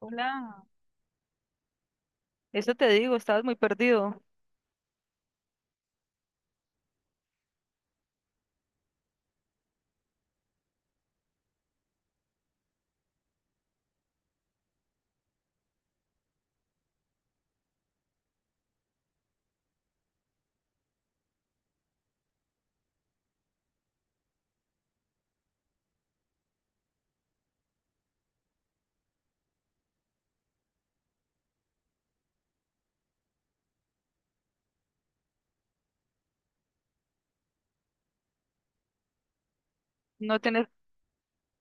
Hola, eso te digo, estabas muy perdido. No tienes,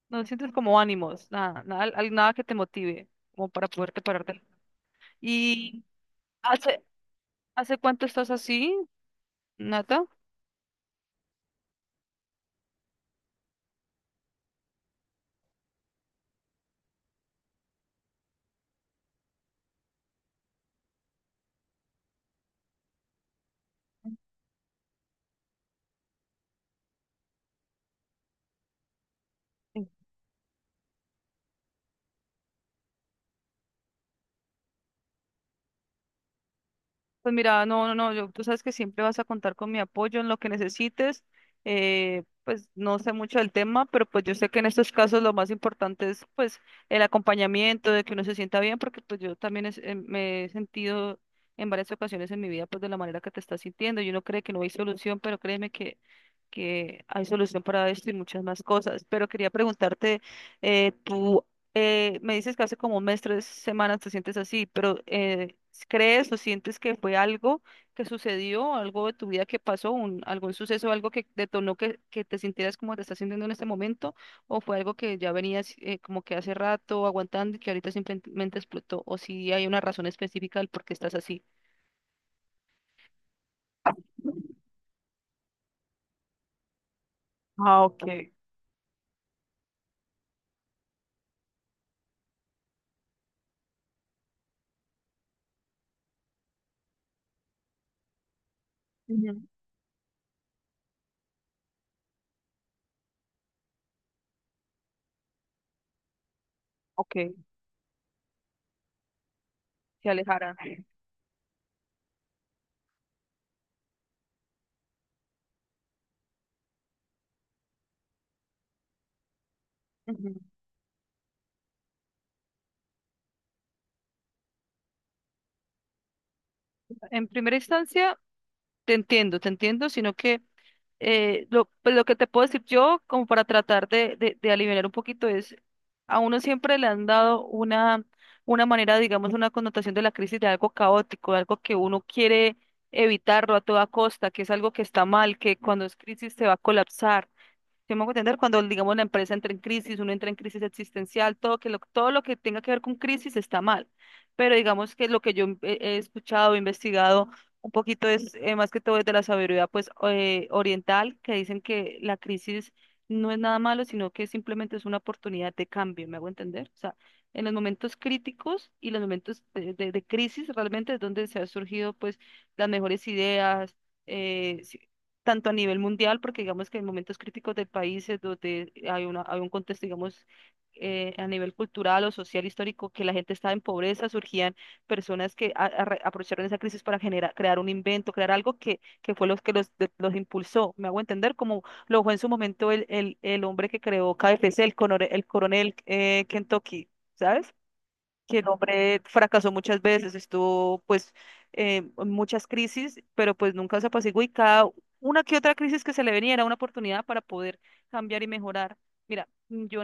no sientes como ánimos, nada, nada, nada que te motive como para poderte pararte. ¿Y hace, hace cuánto estás así, Nata? Pues mira, no, no, no, yo, tú sabes que siempre vas a contar con mi apoyo en lo que necesites. Pues no sé mucho del tema, pero pues yo sé que en estos casos lo más importante es pues el acompañamiento, de que uno se sienta bien, porque pues yo también me he sentido en varias ocasiones en mi vida pues de la manera que te estás sintiendo. Y uno cree que no hay solución, pero créeme que hay solución para esto y muchas más cosas. Pero quería preguntarte, tú me dices que hace como un mes, tres semanas te sientes así, pero ¿crees o sientes que fue algo que sucedió, algo de tu vida que pasó, algún suceso, algo que detonó que te sintieras como te estás sintiendo en este momento? ¿O fue algo que ya venías como que hace rato aguantando y que ahorita simplemente explotó? ¿O si hay una razón específica del por qué estás así? Ah, ok. Ujú. Ok. Se alejara. Ujú. En primera instancia, te entiendo, sino que lo, pues, lo que te puedo decir yo, como para tratar de aliviar un poquito, es a uno siempre le han dado una manera, digamos, una connotación de la crisis de algo caótico, de algo que uno quiere evitarlo a toda costa, que es algo que está mal, que cuando es crisis se va a colapsar. ¿Sí me hago entender? Cuando, digamos, la empresa entra en crisis, uno entra en crisis existencial, todo, que lo, todo lo que tenga que ver con crisis está mal. Pero digamos que lo que yo he, he escuchado, he investigado un poquito es, más que todo es de la sabiduría pues, oriental, que dicen que la crisis no es nada malo, sino que simplemente es una oportunidad de cambio, ¿me hago entender? O sea, en los momentos críticos y los momentos de crisis realmente es donde se han surgido pues las mejores ideas, si, tanto a nivel mundial, porque digamos que en momentos críticos del país es donde hay una, hay un contexto, digamos, a nivel cultural o social histórico, que la gente estaba en pobreza, surgían personas que aprovecharon esa crisis para generar, crear un invento, crear algo que fue los que los, los impulsó. Me hago entender, como lo fue en su momento el hombre que creó KFC, el, el coronel Kentucky, ¿sabes? Que el hombre fracasó muchas veces, estuvo pues en muchas crisis, pero pues nunca se apaciguó y cada una que otra crisis que se le venía era una oportunidad para poder cambiar y mejorar. Mira, yo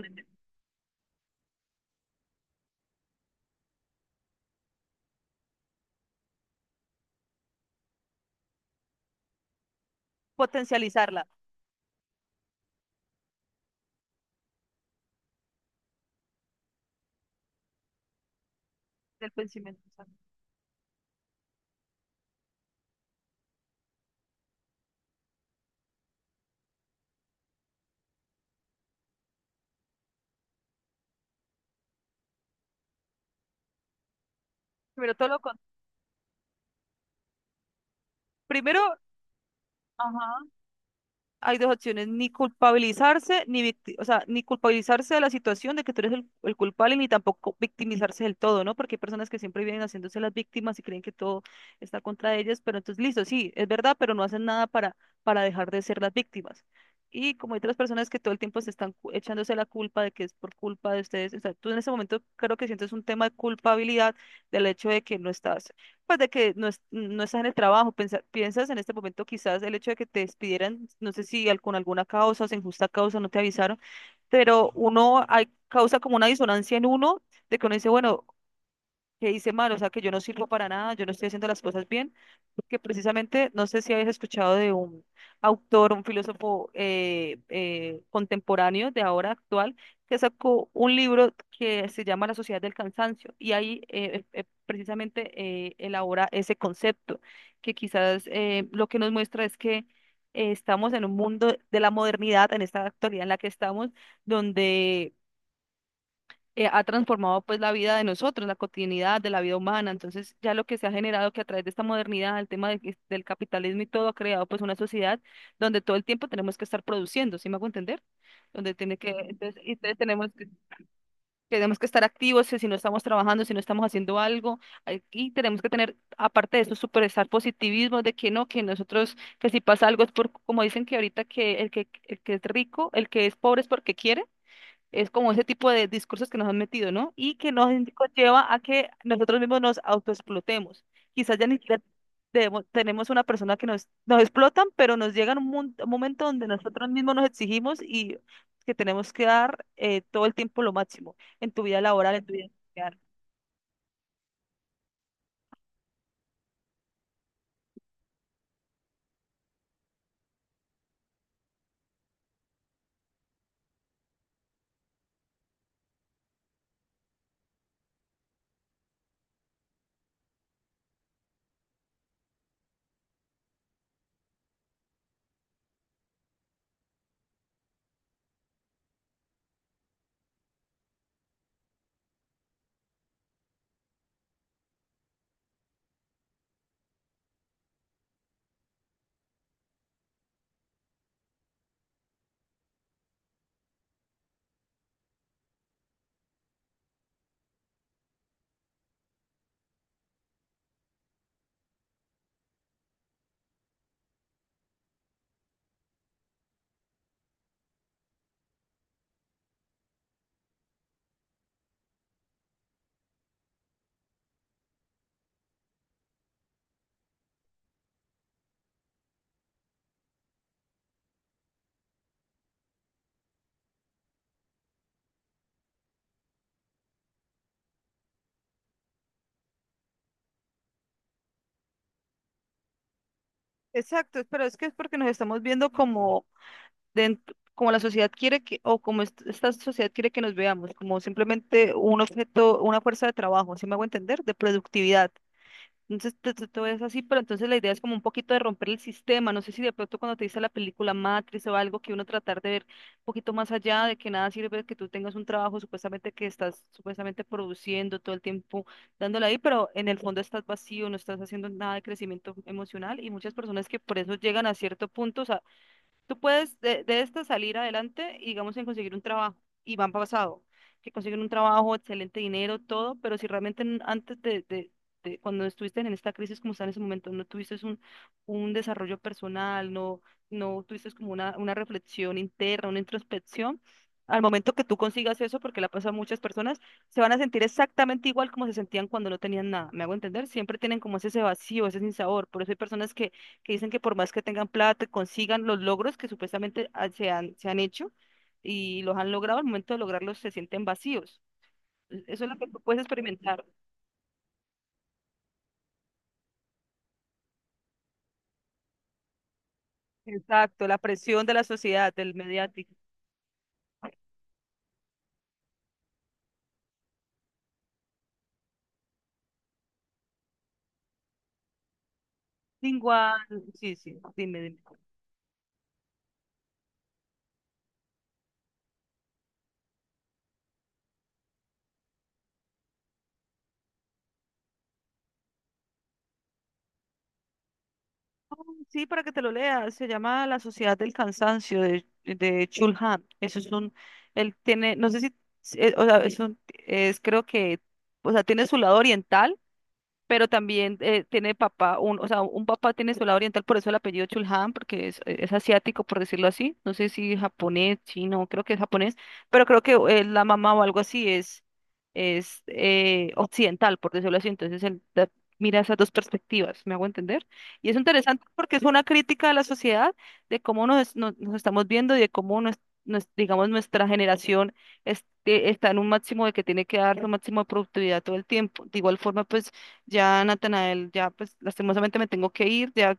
potencializarla del pensamiento. O sea, Primero todo lo con... Primero, ajá, hay dos opciones, ni culpabilizarse, ni victi- o sea, ni culpabilizarse de la situación de que tú eres el culpable, ni tampoco victimizarse del todo, ¿no? Porque hay personas que siempre vienen haciéndose las víctimas y creen que todo está contra ellas, pero entonces, listo, sí, es verdad, pero no hacen nada para, para dejar de ser las víctimas. Y como hay otras personas que todo el tiempo se están echándose la culpa de que es por culpa de ustedes, o sea, tú en ese momento creo que sientes un tema de culpabilidad del hecho de que no estás pues de que no, no estás en el trabajo, piensas en este momento quizás el hecho de que te despidieran, no sé si con alguna causa, o sin justa causa, no te avisaron, pero uno hay, causa como una disonancia en uno, de que uno dice, bueno, que hice mal, o sea, que yo no sirvo para nada, yo no estoy haciendo las cosas bien, porque precisamente, no sé si habéis escuchado de un autor, un filósofo contemporáneo de ahora actual, que sacó un libro que se llama La Sociedad del Cansancio, y ahí precisamente elabora ese concepto, que quizás lo que nos muestra es que estamos en un mundo de la modernidad, en esta actualidad en la que estamos, donde ha transformado pues la vida de nosotros, la cotidianidad de la vida humana. Entonces, ya lo que se ha generado que a través de esta modernidad, el tema del, del capitalismo y todo ha creado pues una sociedad donde todo el tiempo tenemos que estar produciendo, ¿sí me hago entender? Donde tiene que, entonces, y entonces tenemos que estar activos, si no estamos trabajando, si no estamos haciendo algo, ay, y tenemos que tener, aparte de eso, superestar positivismo de que no, que nosotros, que si pasa algo es por, como dicen que ahorita que el que, el que es rico, el que es pobre es porque quiere. Es como ese tipo de discursos que nos han metido, ¿no? Y que nos lleva a que nosotros mismos nos autoexplotemos. Quizás ya ni siquiera tenemos una persona que nos, nos explotan, pero nos llega un, un momento donde nosotros mismos nos exigimos y que tenemos que dar todo el tiempo lo máximo en tu vida laboral, en tu vida social. Exacto, pero es que es porque nos estamos viendo como dentro, como la sociedad quiere que, o como esta sociedad quiere que nos veamos, como simplemente un objeto, una fuerza de trabajo, ¿sí me hago entender? De productividad. Entonces todo es así, pero entonces la idea es como un poquito de romper el sistema. No sé si de pronto cuando te dice la película Matrix o algo que uno tratar de ver un poquito más allá de que nada sirve que tú tengas un trabajo supuestamente que estás supuestamente produciendo todo el tiempo dándole ahí, pero en el fondo estás vacío, no estás haciendo nada de crecimiento emocional y muchas personas que por eso llegan a cierto punto, tú puedes de esta salir adelante y digamos en conseguir un trabajo. Y van pasado, que consiguen un trabajo, excelente dinero, todo, pero si realmente antes de cuando estuviste en esta crisis como está en ese momento, no tuviste un desarrollo personal, no, no tuviste como una reflexión interna, una introspección, al momento que tú consigas eso, porque la pasa a muchas personas, se van a sentir exactamente igual como se sentían cuando no tenían nada. ¿Me hago entender? Siempre tienen como ese vacío, ese sinsabor. Por eso hay personas que dicen que por más que tengan plata, consigan los logros que supuestamente se han hecho y los han logrado, al momento de lograrlos se sienten vacíos. Eso es lo que tú puedes experimentar. Exacto, la presión de la sociedad, del mediático. Igual, sí, sí, dime, dime. Oh, sí, para que te lo leas, se llama La Sociedad del Cansancio de Chul Han. Eso es un, él tiene, no sé si, o sea, es creo que, o sea, tiene su lado oriental pero también tiene papá, un, o sea, un papá tiene su lado oriental, por eso el apellido Chulhan, porque es asiático, por decirlo así. No sé si japonés, chino, creo que es japonés, pero creo que la mamá o algo así es, es occidental, por decirlo así. Entonces mira esas dos perspectivas, ¿me hago entender? Y es interesante porque es una crítica a la sociedad, de cómo nos, nos, nos estamos viendo y de cómo nos, digamos, nuestra generación está en un máximo de que tiene que dar su máximo de productividad todo el tiempo. De igual forma, pues ya, Natanael, ya pues lastimosamente me tengo que ir, ya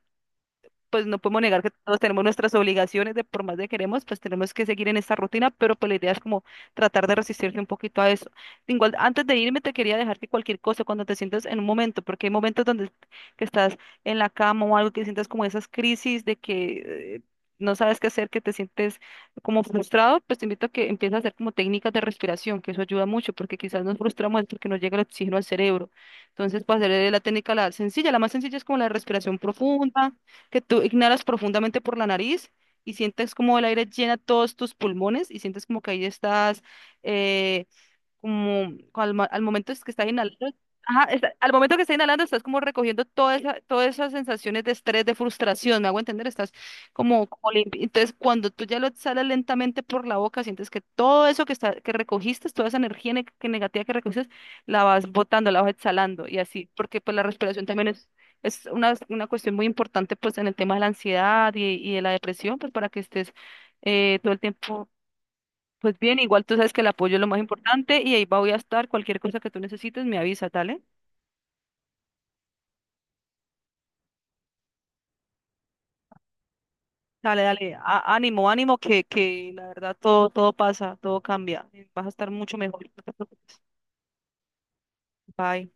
pues no podemos negar que todos tenemos nuestras obligaciones de por más de queremos, pues tenemos que seguir en esta rutina, pero pues la idea es como tratar de resistirse un poquito a eso. Igual, antes de irme te quería dejar que cualquier cosa, cuando te sientas en un momento, porque hay momentos donde que estás en la cama o algo que sientas como esas crisis de que no sabes qué hacer, que te sientes como frustrado, pues te invito a que empieces a hacer como técnicas de respiración, que eso ayuda mucho, porque quizás nos frustramos porque no llega el oxígeno al cerebro. Entonces, para hacer la técnica la sencilla, la más sencilla es como la respiración profunda que tú ignoras profundamente por la nariz y sientes como el aire llena todos tus pulmones y sientes como que ahí estás, eh, al momento es que estás inhalando, ajá, al momento que estás inhalando estás como recogiendo todas esas sensaciones de estrés, de frustración, me hago entender, estás como, Entonces, cuando tú ya lo exhalas lentamente por la boca, sientes que todo eso que, está, que recogiste, toda esa energía ne- que negativa que recogiste, la vas botando, la vas exhalando y así, porque pues la respiración también es... Es una cuestión muy importante pues en el tema de la ansiedad y de la depresión, pues para que estés todo el tiempo pues bien. Igual tú sabes que el apoyo es lo más importante y ahí voy a estar. Cualquier cosa que tú necesites, me avisa, dale. Dale, dale, ánimo, ánimo, que la verdad todo, todo pasa, todo cambia. Vas a estar mucho mejor, no te preocupes. Bye.